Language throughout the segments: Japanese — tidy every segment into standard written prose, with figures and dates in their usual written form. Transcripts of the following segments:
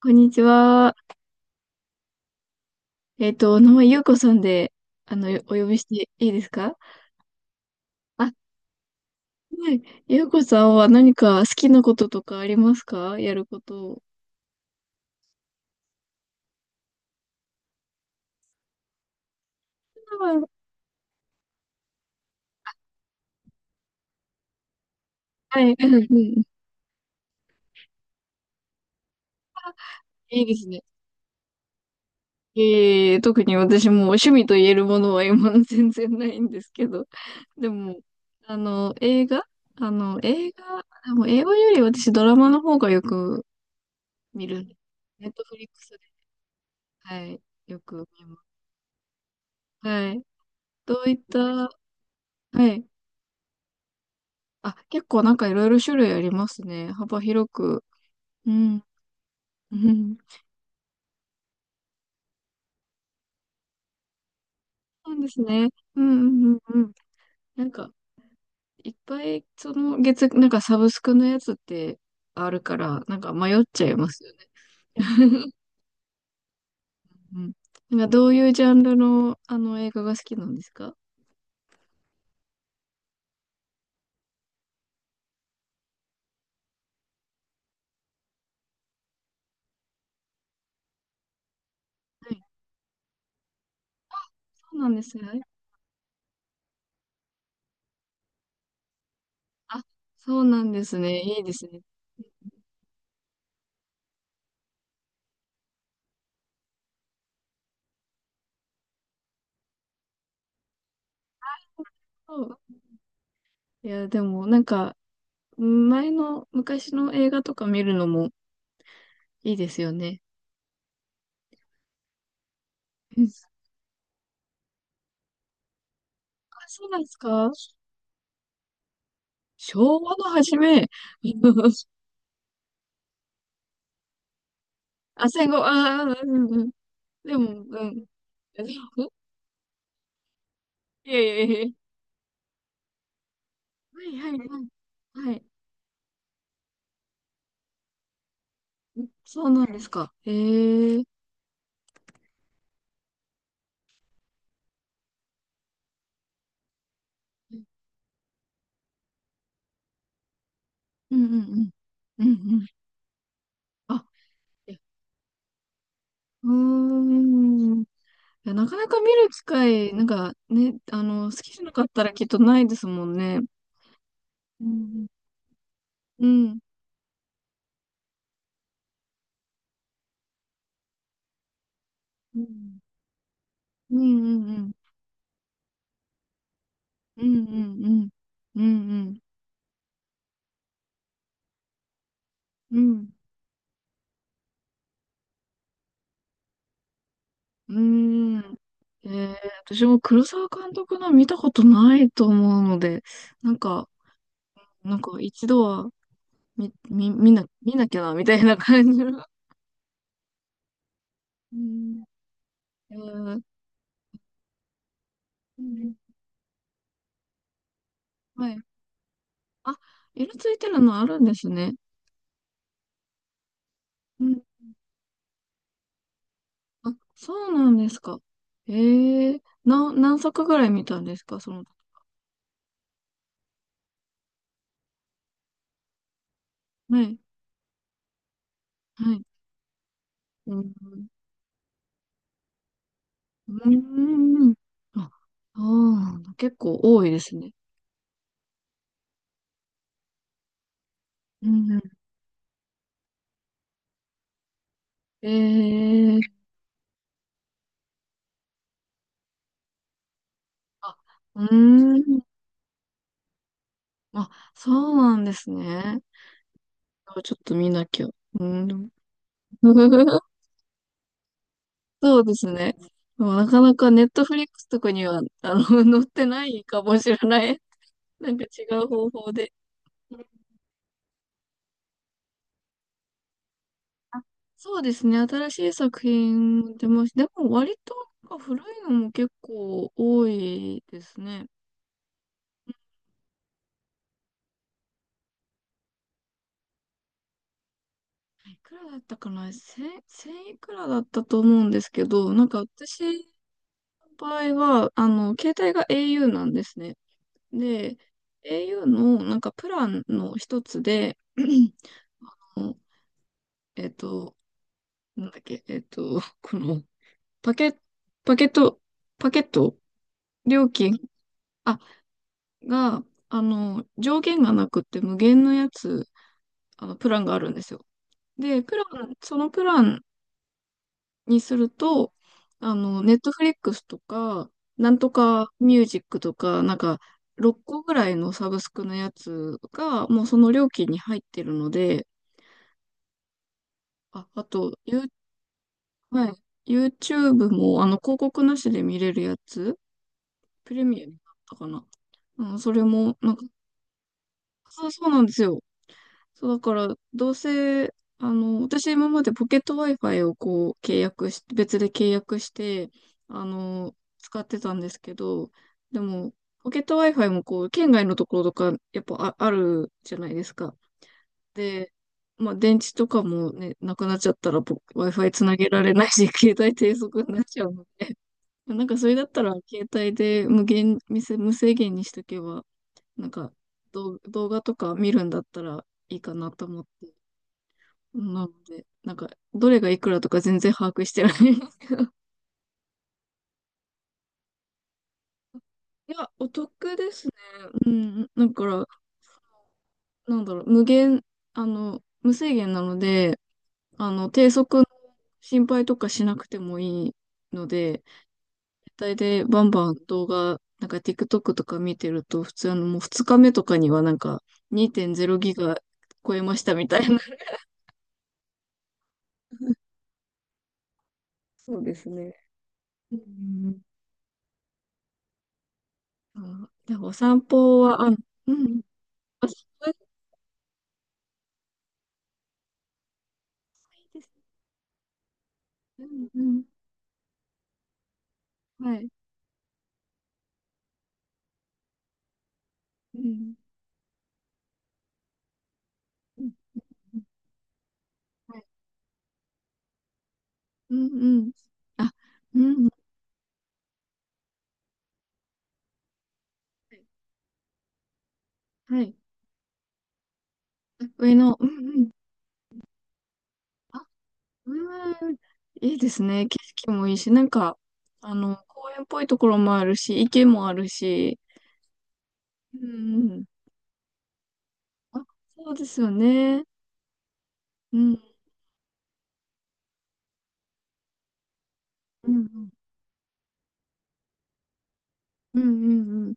こんにちは。お名前、ゆうこさんで、よお呼びしていいですか？あ、はい。ゆうこさんは何か好きなこととかありますか？やること。うん。はい。うんうん。いいですね。特に私も趣味と言えるものは今の 全然ないんですけど。でも、あの、映画あの、映画、でも映画より私ドラマの方がよく見る。ネットフリックスで、はい、よく見ます。はい。どういった、はい。あ、結構なんかいろいろ種類ありますね。幅広く。うん。うん。そうですね。うんうんうんうん。なんか、いっぱい、その月、なんかサブスクのやつってあるから、なんか迷っちゃいますよね。うん。なんかどういうジャンルの、あの映画が好きなんですか？はい。そうなんですね。あ、そうなんですね。いいですね。そう。いや、でもなんか、前の昔の映画とか見るのもいいですよね。うん。あ、そうなんですか？昭和の初め、あ、戦後、ああ、うんうんうん。でも、うん。いやいやいや。はいはいはい。はい。そうなんですか。へえ。うんうんうん。うんうん。あ、いや。うーん。いや、なかなか見る機会、なんかね、好きじゃなかったらきっとないですもんね。うん。うん。うん。うんうんうん。うんうんうん。うんうん。うん。うーん。えー、私も黒沢監督の見たことないと思うので、なんか、なんか一度は見なきゃな、みたいな感じの。うん。えー、うん。はい。あ、色ついてるのあるんですね。うん。あ、そうなんですか。えー、何作ぐらい見たんですか、その。はい。はい。うん。うーん。あ、そうなんだ。結構多いですね。うん。えー。あ、うーん。あ、そうなんですね。ちょっと見なきゃ。うーん。そうですね。でもなかなかネットフリックスとかには、載ってないかもしれない。なんか違う方法で。あ、そうですね。新しい作品も出ました。でも割となんか古いのも結構多いですね。いくらだったかな。千いくらだったと思うんですけど、なんか私の場合は、携帯が au なんですね。で、au のをなんかプランの一つで、あのえっと、なんだっけ、このパケ、パケット、パケット、料金、あ、が、上限がなくって無限のやつ、プランがあるんですよ。で、プラン、そのプランにすると、ネットフリックスとか、なんとかミュージックとか、なんか、6個ぐらいのサブスクのやつが、もうその料金に入ってるので、あ、あと、ユー、はい、YouTube も、広告なしで見れるやつ、プレミアムだったかな。うん、それも、なんか、そうなんですよ。そう、だから、どうせ、私今までポケット Wi-Fi をこう、契約し、別で契約して、使ってたんですけど、でも、ポケット Wi-Fi もこう、県外のところとか、やっぱあ、あるじゃないですか。で、まあ、電池とかもね、なくなっちゃったら、Wi-Fi つなげられないし、携帯低速になっちゃうので、なんかそれだったら、携帯で無制限にしとけば、なんか動画とか見るんだったらいいかなと思って、なので、なんか、どれがいくらとか全然把握してないんですけど。いや、お得ですね。うん、だから、なんだろう、無限、無制限なので、低速の心配とかしなくてもいいので、体でバンバン動画、なんか TikTok とか見てると、普通あのもう2日目とかにはなんか2.0ギガ超えましたみたいな。そうですね。うん。あ、でもお散歩は、あ、うん。あ、そうです。いいですね。うん、うん。はい。うん。うん。はい。うん、うん。あ、うん。はいはい。上の、うんうん。あ、うん。いいですね。景色もいいし、なんか、公園っぽいところもあるし、池もあるし、うんうん。あ、そうですよね。うん、うん、うん、うん、うんうん。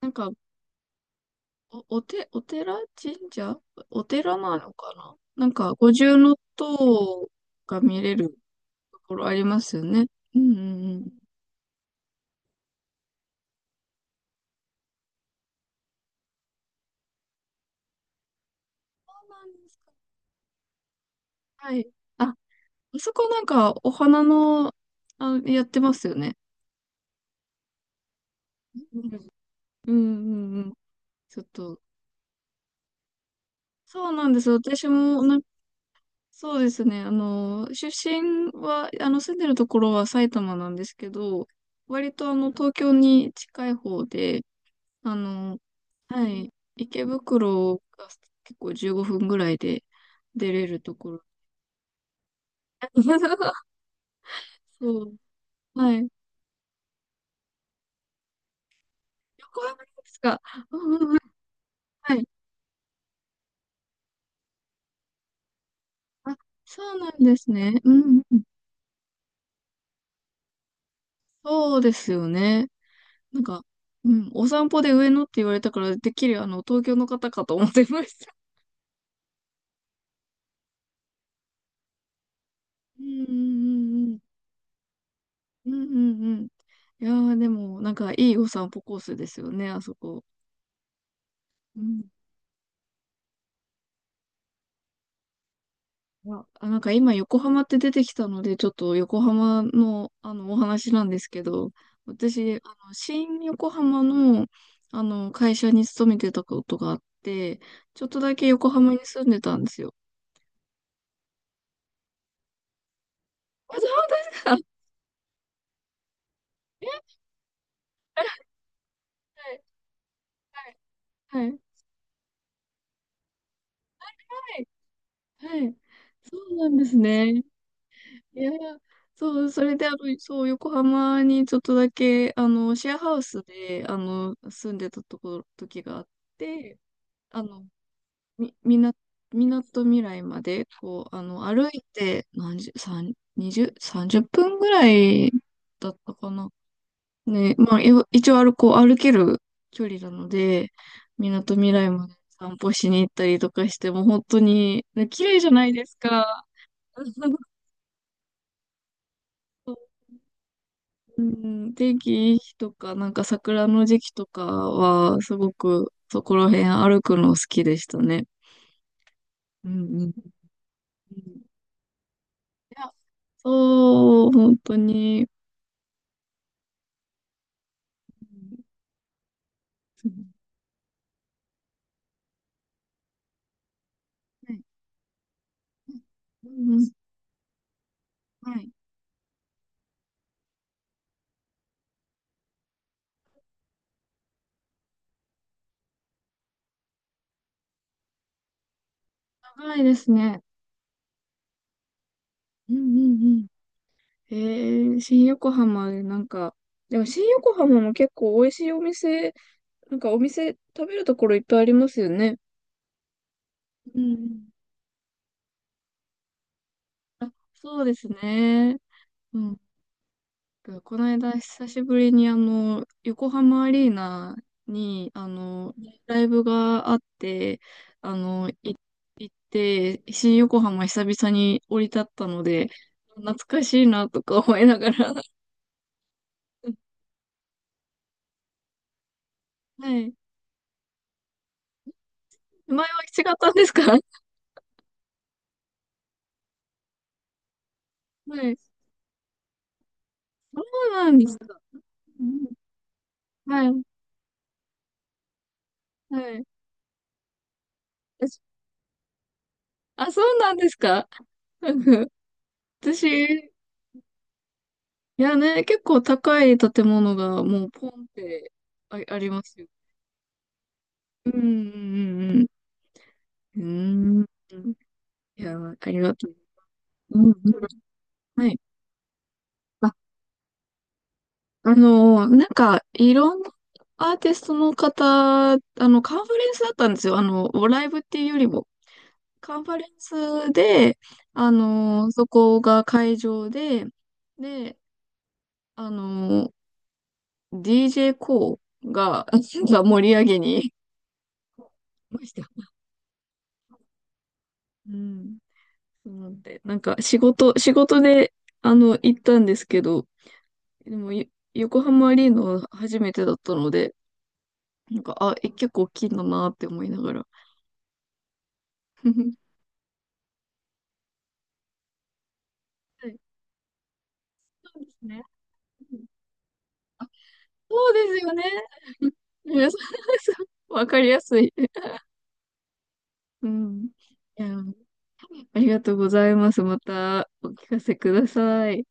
なんか、お寺神社お寺なのかな、なんか、五重塔が見れるところありますよね。うん、うん、うん。そうなんですか。はい。あ、あそこなんか、お花の、あ、やってますよね。うん、うん、うん。うん。ちょっと、そうなんですよ。私もそうですね。出身は、住んでるところは埼玉なんですけど、割と東京に近い方で、あの、はい、池袋が結構15分ぐらいで出れるところ。そう。はい。横浜ですか。うんうんうん。はい。あ、そうなんですね。うんうん。そうですよね。なんか、うん、お散歩で上野って言われたから、てっきり東京の方かと思ってました。うんうんうんうん。うんうんうん。いやー、でも、なんか、いいお散歩コースですよね、あそこ。うん。いやあ、なんか今、横浜って出てきたので、ちょっと横浜の、お話なんですけど、私、新横浜の、会社に勤めてたことがあって、ちょっとだけ横浜に住んでたんですよ。あ、そうですか。はい、はい、はい、はい。はい。そうなんですね。いやいや、そう、それで、そう、横浜にちょっとだけ、シェアハウスで、住んでたところ、時があって、あの、み、みな、みなとみらいまで、こう、歩いて、何十、三、二十、三十分ぐらいだったかな。ね、まあ、一応歩こう、歩ける距離なので、みなとみらいまで散歩しに行ったりとかして、もう本当に、ね、綺麗じゃないですか。うん、天気いい日とか、なんか桜の時期とかは、すごくそこら辺歩くの好きでしたね。うんうん。うん。いや、そう、本当に。うん。はい。うんうん、はい。長いですね。うんうんうん。えー、新横浜でなんか、でも新横浜も結構美味しいお店、なんかお店食べるところいっぱいありますよね。うんうん。あ、そうですね。うん。この間久しぶりにあの、横浜アリーナに、ライブがあって、あの、い行って、新横浜久々に降り立ったので、懐かしいなとか思いながら。はい。前は違ったんですか？ はい。そうなんですか。うん。はい。はい。あ、そうなんですか。なんか私、いやね、結構高い建物がもうポンって、あ、ありますよね。うんうんうんうん。うーん。いや、わかります。うんうん。はい。あ、なんか、いろんなアーティストの方、カンファレンスだったんですよ。ライブっていうよりも。カンファレンスで、そこが会場で、で、あのー DJ コーが、が盛り上げに、ました。うん。そうなんで、なんか仕事で、行ったんですけど、でも、横浜アリーナは初めてだったので、なんか、あ、え、結構大きいんだなって思いながら。はい。そうですね。うん。そうですよね。うん。そうそう。 わかりやすい。うん。いや、ありがとうございます。またお聞かせください。